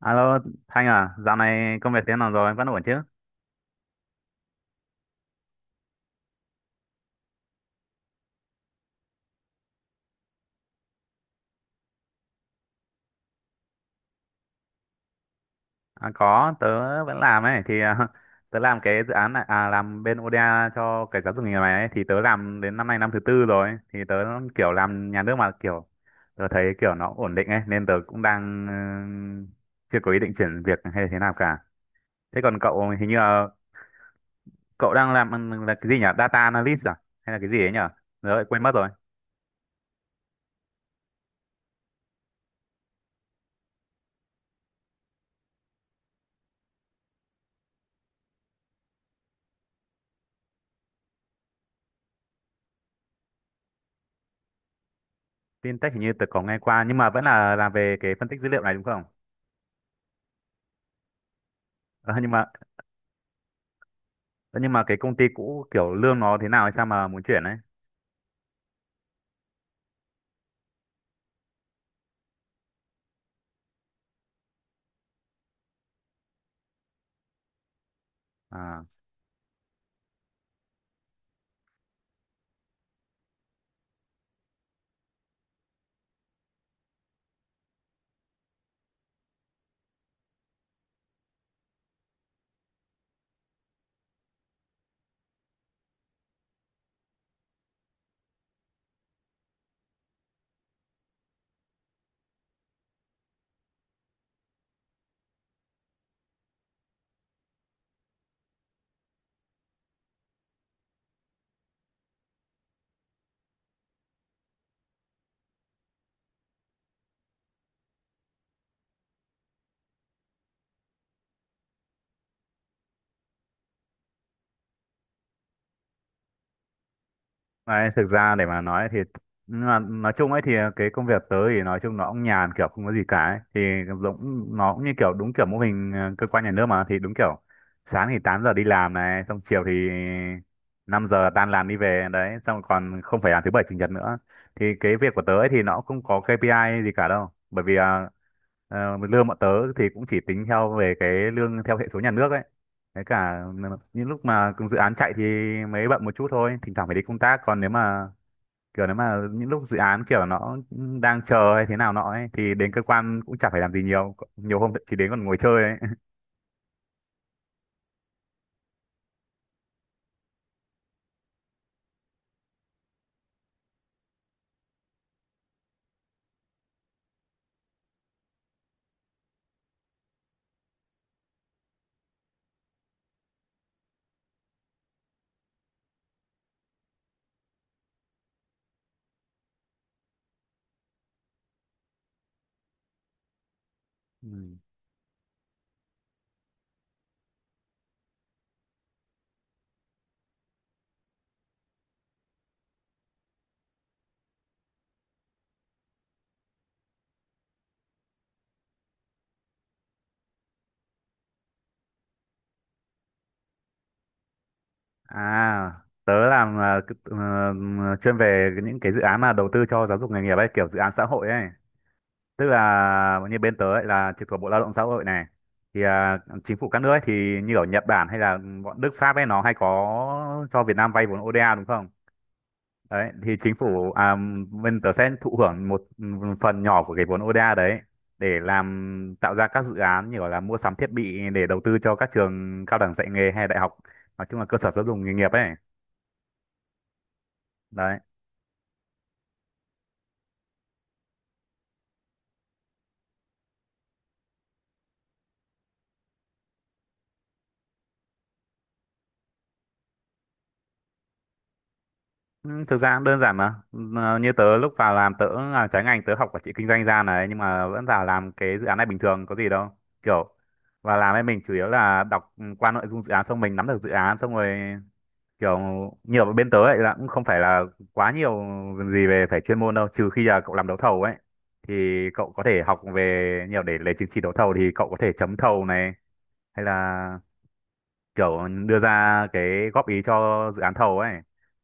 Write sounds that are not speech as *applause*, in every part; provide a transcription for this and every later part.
Alo Thanh à, dạo này công việc thế nào rồi, vẫn ổn chứ? À, có, tớ vẫn làm ấy, thì *laughs* tớ làm cái dự án này, làm bên ODA cho cái giáo dục nghề này ấy, thì tớ làm đến năm nay năm thứ tư rồi, thì tớ kiểu làm nhà nước mà kiểu tớ thấy kiểu nó ổn định ấy, nên tớ cũng đang ừ, chưa có ý định chuyển việc hay là thế nào cả. Thế còn cậu hình như là cậu đang làm là cái gì nhỉ? Data analyst à? Hay là cái gì ấy nhỉ? Rồi, quên mất rồi. Fintech hình như tớ có nghe qua, nhưng mà vẫn là làm về cái phân tích dữ liệu này đúng không? Ờ, nhưng mà thế nhưng mà cái công ty cũ kiểu lương nó thế nào hay sao mà muốn chuyển ấy. À đấy, thực ra để mà nói thì nhưng mà nói chung ấy thì cái công việc tớ thì nói chung nó cũng nhàn kiểu không có gì cả ấy. Thì cũng nó cũng như kiểu đúng kiểu mô hình cơ quan nhà nước mà thì đúng kiểu sáng thì 8 giờ đi làm này xong chiều thì 5 giờ tan làm đi về đấy xong còn không phải làm thứ bảy chủ nhật nữa, thì cái việc của tớ ấy thì nó cũng không có KPI gì cả đâu, bởi vì lương bọn tớ thì cũng chỉ tính theo về cái lương theo hệ số nhà nước ấy. Cái cả những lúc mà cùng dự án chạy thì mới bận một chút thôi, thỉnh thoảng phải đi công tác. Còn nếu mà kiểu nếu mà những lúc dự án kiểu nó đang chờ hay thế nào nọ ấy, thì đến cơ quan cũng chả phải làm gì nhiều. Nhiều hôm thì đến còn ngồi chơi ấy. Ừ. À, tớ làm chuyên về những cái dự án mà đầu tư cho giáo dục nghề nghiệp ấy, kiểu dự án xã hội ấy. Tức là như bên tớ ấy là trực thuộc Bộ Lao động Xã hội này. Thì à, chính phủ các nước ấy thì như ở Nhật Bản hay là bọn Đức Pháp ấy nó hay có cho Việt Nam vay vốn ODA đúng không? Đấy thì chính phủ à, bên tớ sẽ thụ hưởng một phần nhỏ của cái vốn ODA đấy để làm tạo ra các dự án như gọi là mua sắm thiết bị để đầu tư cho các trường cao đẳng dạy nghề hay đại học, nói chung là cơ sở giáo dục nghề nghiệp ấy. Đấy. Ừ, thực ra cũng đơn giản mà. Ờ, như tớ lúc vào làm tớ làm trái ngành, tớ học quản trị kinh doanh ra này nhưng mà vẫn vào làm cái dự án này bình thường có gì đâu, kiểu và làm ấy mình chủ yếu là đọc qua nội dung dự án xong mình nắm được dự án xong rồi kiểu nhiều bên tớ ấy là cũng không phải là quá nhiều gì về phải chuyên môn đâu, trừ khi là cậu làm đấu thầu ấy thì cậu có thể học về nhiều để lấy chứng chỉ đấu thầu thì cậu có thể chấm thầu này hay là kiểu đưa ra cái góp ý cho dự án thầu ấy,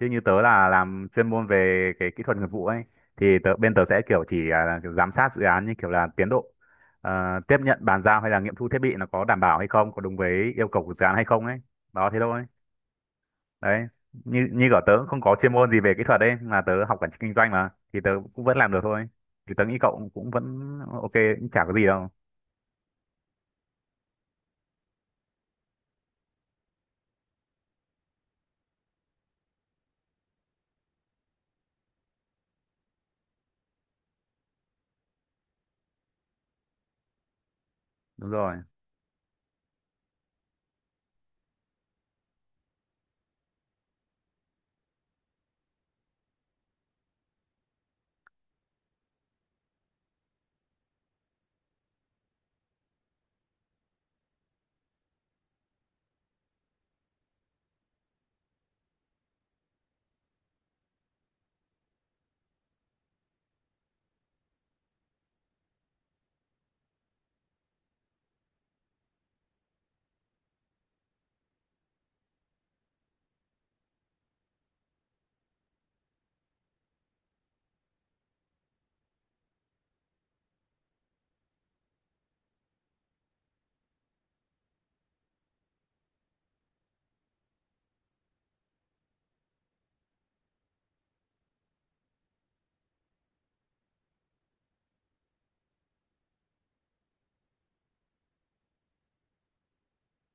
chứ như tớ là làm chuyên môn về cái kỹ thuật nghiệp vụ ấy thì tớ, bên tớ sẽ kiểu chỉ là kiểu giám sát dự án như kiểu là tiến độ, tiếp nhận bàn giao hay là nghiệm thu thiết bị nó có đảm bảo hay không có đúng với yêu cầu của dự án hay không ấy. Đó thế thôi. Đấy, như như cả tớ cũng không có chuyên môn gì về kỹ thuật đấy mà tớ học quản trị kinh doanh mà thì tớ cũng vẫn làm được thôi, thì tớ nghĩ cậu cũng vẫn ok, cũng chả có gì đâu. Đúng rồi.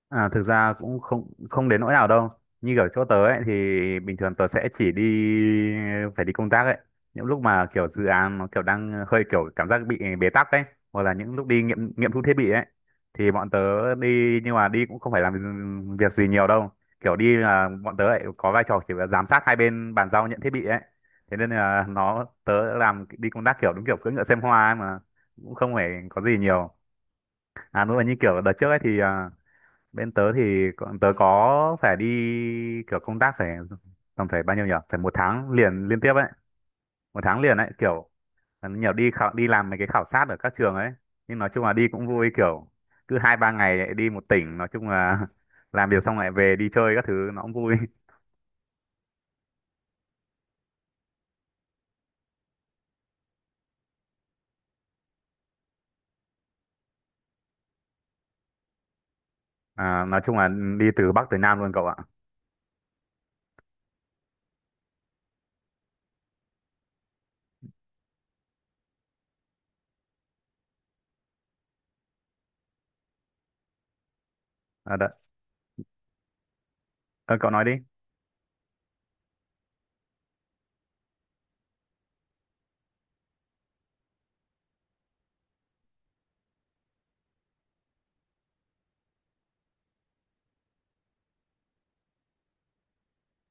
À, thực ra cũng không không đến nỗi nào đâu. Như kiểu chỗ tớ ấy thì bình thường tớ sẽ chỉ đi phải đi công tác ấy. Những lúc mà kiểu dự án nó kiểu đang hơi kiểu cảm giác bị bế tắc ấy hoặc là những lúc đi nghiệm nghiệm thu thiết bị ấy thì bọn tớ đi nhưng mà đi cũng không phải làm việc gì nhiều đâu. Kiểu đi là bọn tớ lại có vai trò chỉ là giám sát hai bên bàn giao nhận thiết bị ấy. Thế nên là nó tớ làm đi công tác kiểu đúng kiểu cưỡi ngựa xem hoa ấy mà cũng không phải có gì nhiều. À nữa là như kiểu đợt trước ấy thì bên tớ thì tớ có phải đi kiểu công tác phải tầm phải bao nhiêu nhỉ phải một tháng liền liên tiếp ấy, một tháng liền ấy kiểu nhiều đi đi làm mấy cái khảo sát ở các trường ấy, nhưng nói chung là đi cũng vui kiểu cứ hai ba ngày lại đi một tỉnh, nói chung là *laughs* làm việc xong lại về đi chơi các thứ nó cũng vui. À, nói chung là đi từ Bắc tới Nam luôn cậu ạ. à, đợi, ờ, cậu nói đi.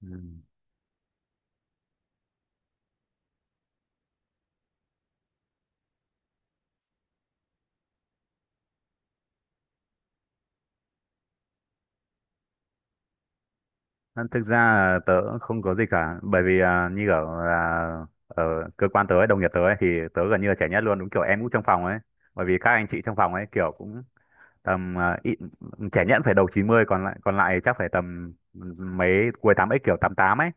Ừ. À, thực ra là tớ cũng không có gì cả bởi vì à, như kiểu là ở cơ quan tớ ấy, đồng nghiệp tớ ấy, thì tớ gần như là trẻ nhất luôn đúng kiểu em cũng trong phòng ấy, bởi vì các anh chị trong phòng ấy kiểu cũng tầm trẻ nhất phải đầu chín mươi, còn lại chắc phải tầm mấy cuối tám x kiểu 88 ấy.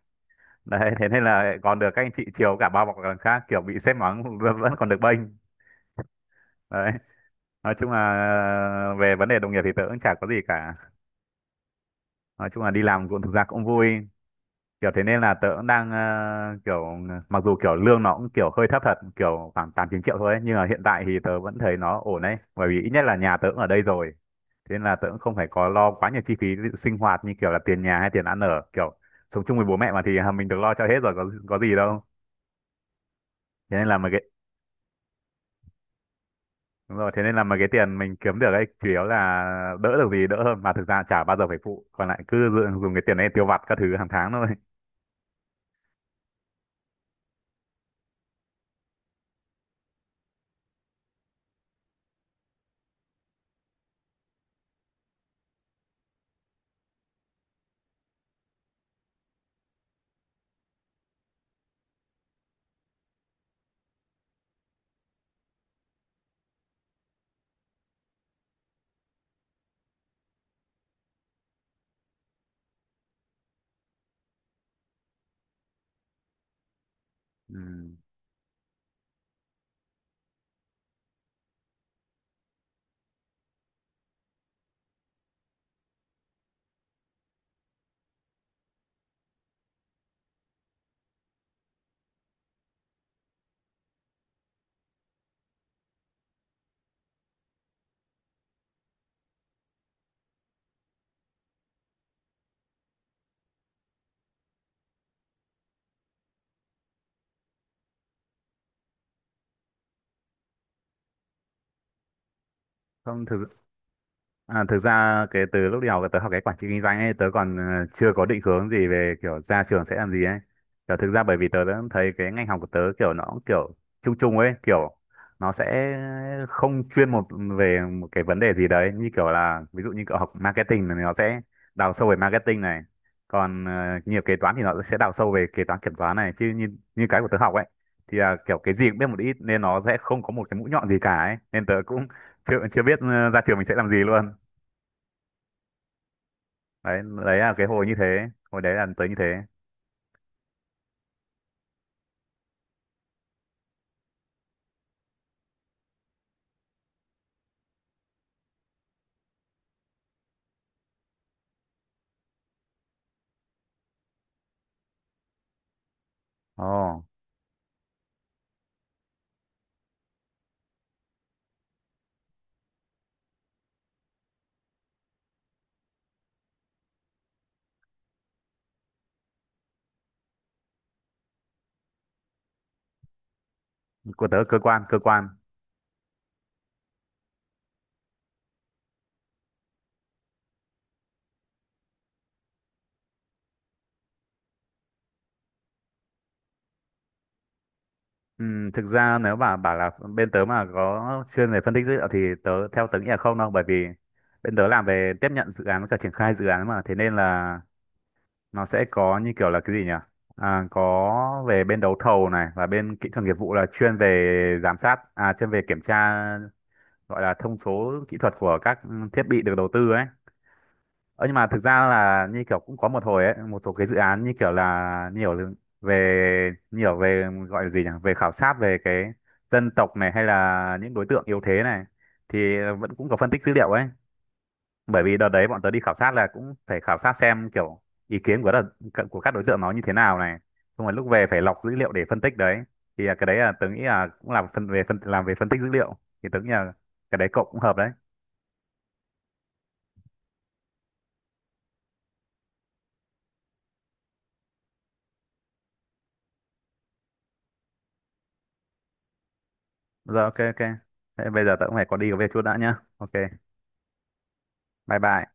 *laughs* Đấy thế nên là còn được các anh chị chiều cả bao bọc lần khác kiểu bị sếp mắng *laughs* vẫn vẫn còn được bênh. Đấy, nói chung là về vấn đề đồng nghiệp thì tớ cũng chả có gì cả, nói chung là đi làm cũng thực ra cũng vui kiểu thế nên là tớ cũng đang kiểu mặc dù kiểu lương nó cũng kiểu hơi thấp thật kiểu khoảng 8 9 triệu thôi ấy, nhưng mà hiện tại thì tớ vẫn thấy nó ổn đấy bởi vì ít nhất là nhà tớ cũng ở đây rồi, thế nên là tớ cũng không phải có lo quá nhiều chi phí sinh hoạt như kiểu là tiền nhà hay tiền ăn ở kiểu sống chung với bố mẹ mà thì *laughs* mình được lo cho hết rồi có gì đâu. Thế nên là mấy cái. Đúng rồi, thế nên là mấy cái tiền mình kiếm được ấy chủ yếu là đỡ được gì đỡ hơn mà thực ra chả bao giờ phải phụ còn lại cứ dùng dùng cái tiền đấy tiêu vặt các thứ hàng tháng thôi. Ừ. Không thực. À, thực ra cái từ lúc đi học tớ học cái quản trị kinh doanh ấy tớ còn chưa có định hướng gì về kiểu ra trường sẽ làm gì ấy, kiểu thực ra bởi vì tớ đã thấy cái ngành học của tớ kiểu nó cũng kiểu chung chung ấy kiểu nó sẽ không chuyên một về một cái vấn đề gì đấy như kiểu là ví dụ như cậu học marketing thì nó sẽ đào sâu về marketing này còn nghiệp kế toán thì nó sẽ đào sâu về kế toán kiểm toán này chứ như như cái của tớ học ấy thì là kiểu cái gì cũng biết một ít nên nó sẽ không có một cái mũi nhọn gì cả ấy, nên tớ cũng chưa chưa biết ra trường mình sẽ làm gì luôn. Đấy đấy là cái hồi như thế hồi đấy là tớ như thế. Ồ, của tớ cơ quan cơ quan. Thực ra nếu mà bảo là bên tớ mà có chuyên về phân tích dữ liệu thì tớ theo tớ nghĩ là không đâu, bởi vì bên tớ làm về tiếp nhận dự án với cả triển khai dự án mà, thế nên là nó sẽ có như kiểu là cái gì nhỉ, à, có về bên đấu thầu này và bên kỹ thuật nghiệp vụ là chuyên về giám sát à chuyên về kiểm tra gọi là thông số kỹ thuật của các thiết bị được đầu tư ấy. Ờ, nhưng mà thực ra là như kiểu cũng có một hồi ấy, một số cái dự án như kiểu là nhiều là về nhiều về gọi là gì nhỉ? Về khảo sát về cái dân tộc này hay là những đối tượng yếu thế này thì vẫn cũng có phân tích dữ liệu ấy. Bởi vì đợt đấy bọn tớ đi khảo sát là cũng phải khảo sát xem kiểu ý kiến của đợt, của các đối tượng nó như thế nào này. Xong rồi lúc về phải lọc dữ liệu để phân tích đấy. Thì là cái đấy là tớ nghĩ là cũng làm phân về phân làm về phân tích dữ liệu, thì tớ nghĩ là cái đấy cậu cũng hợp đấy. Rồi ok ok. Thế bây giờ tớ cũng phải có đi có việc chút đã nhá. Ok. Bye bye.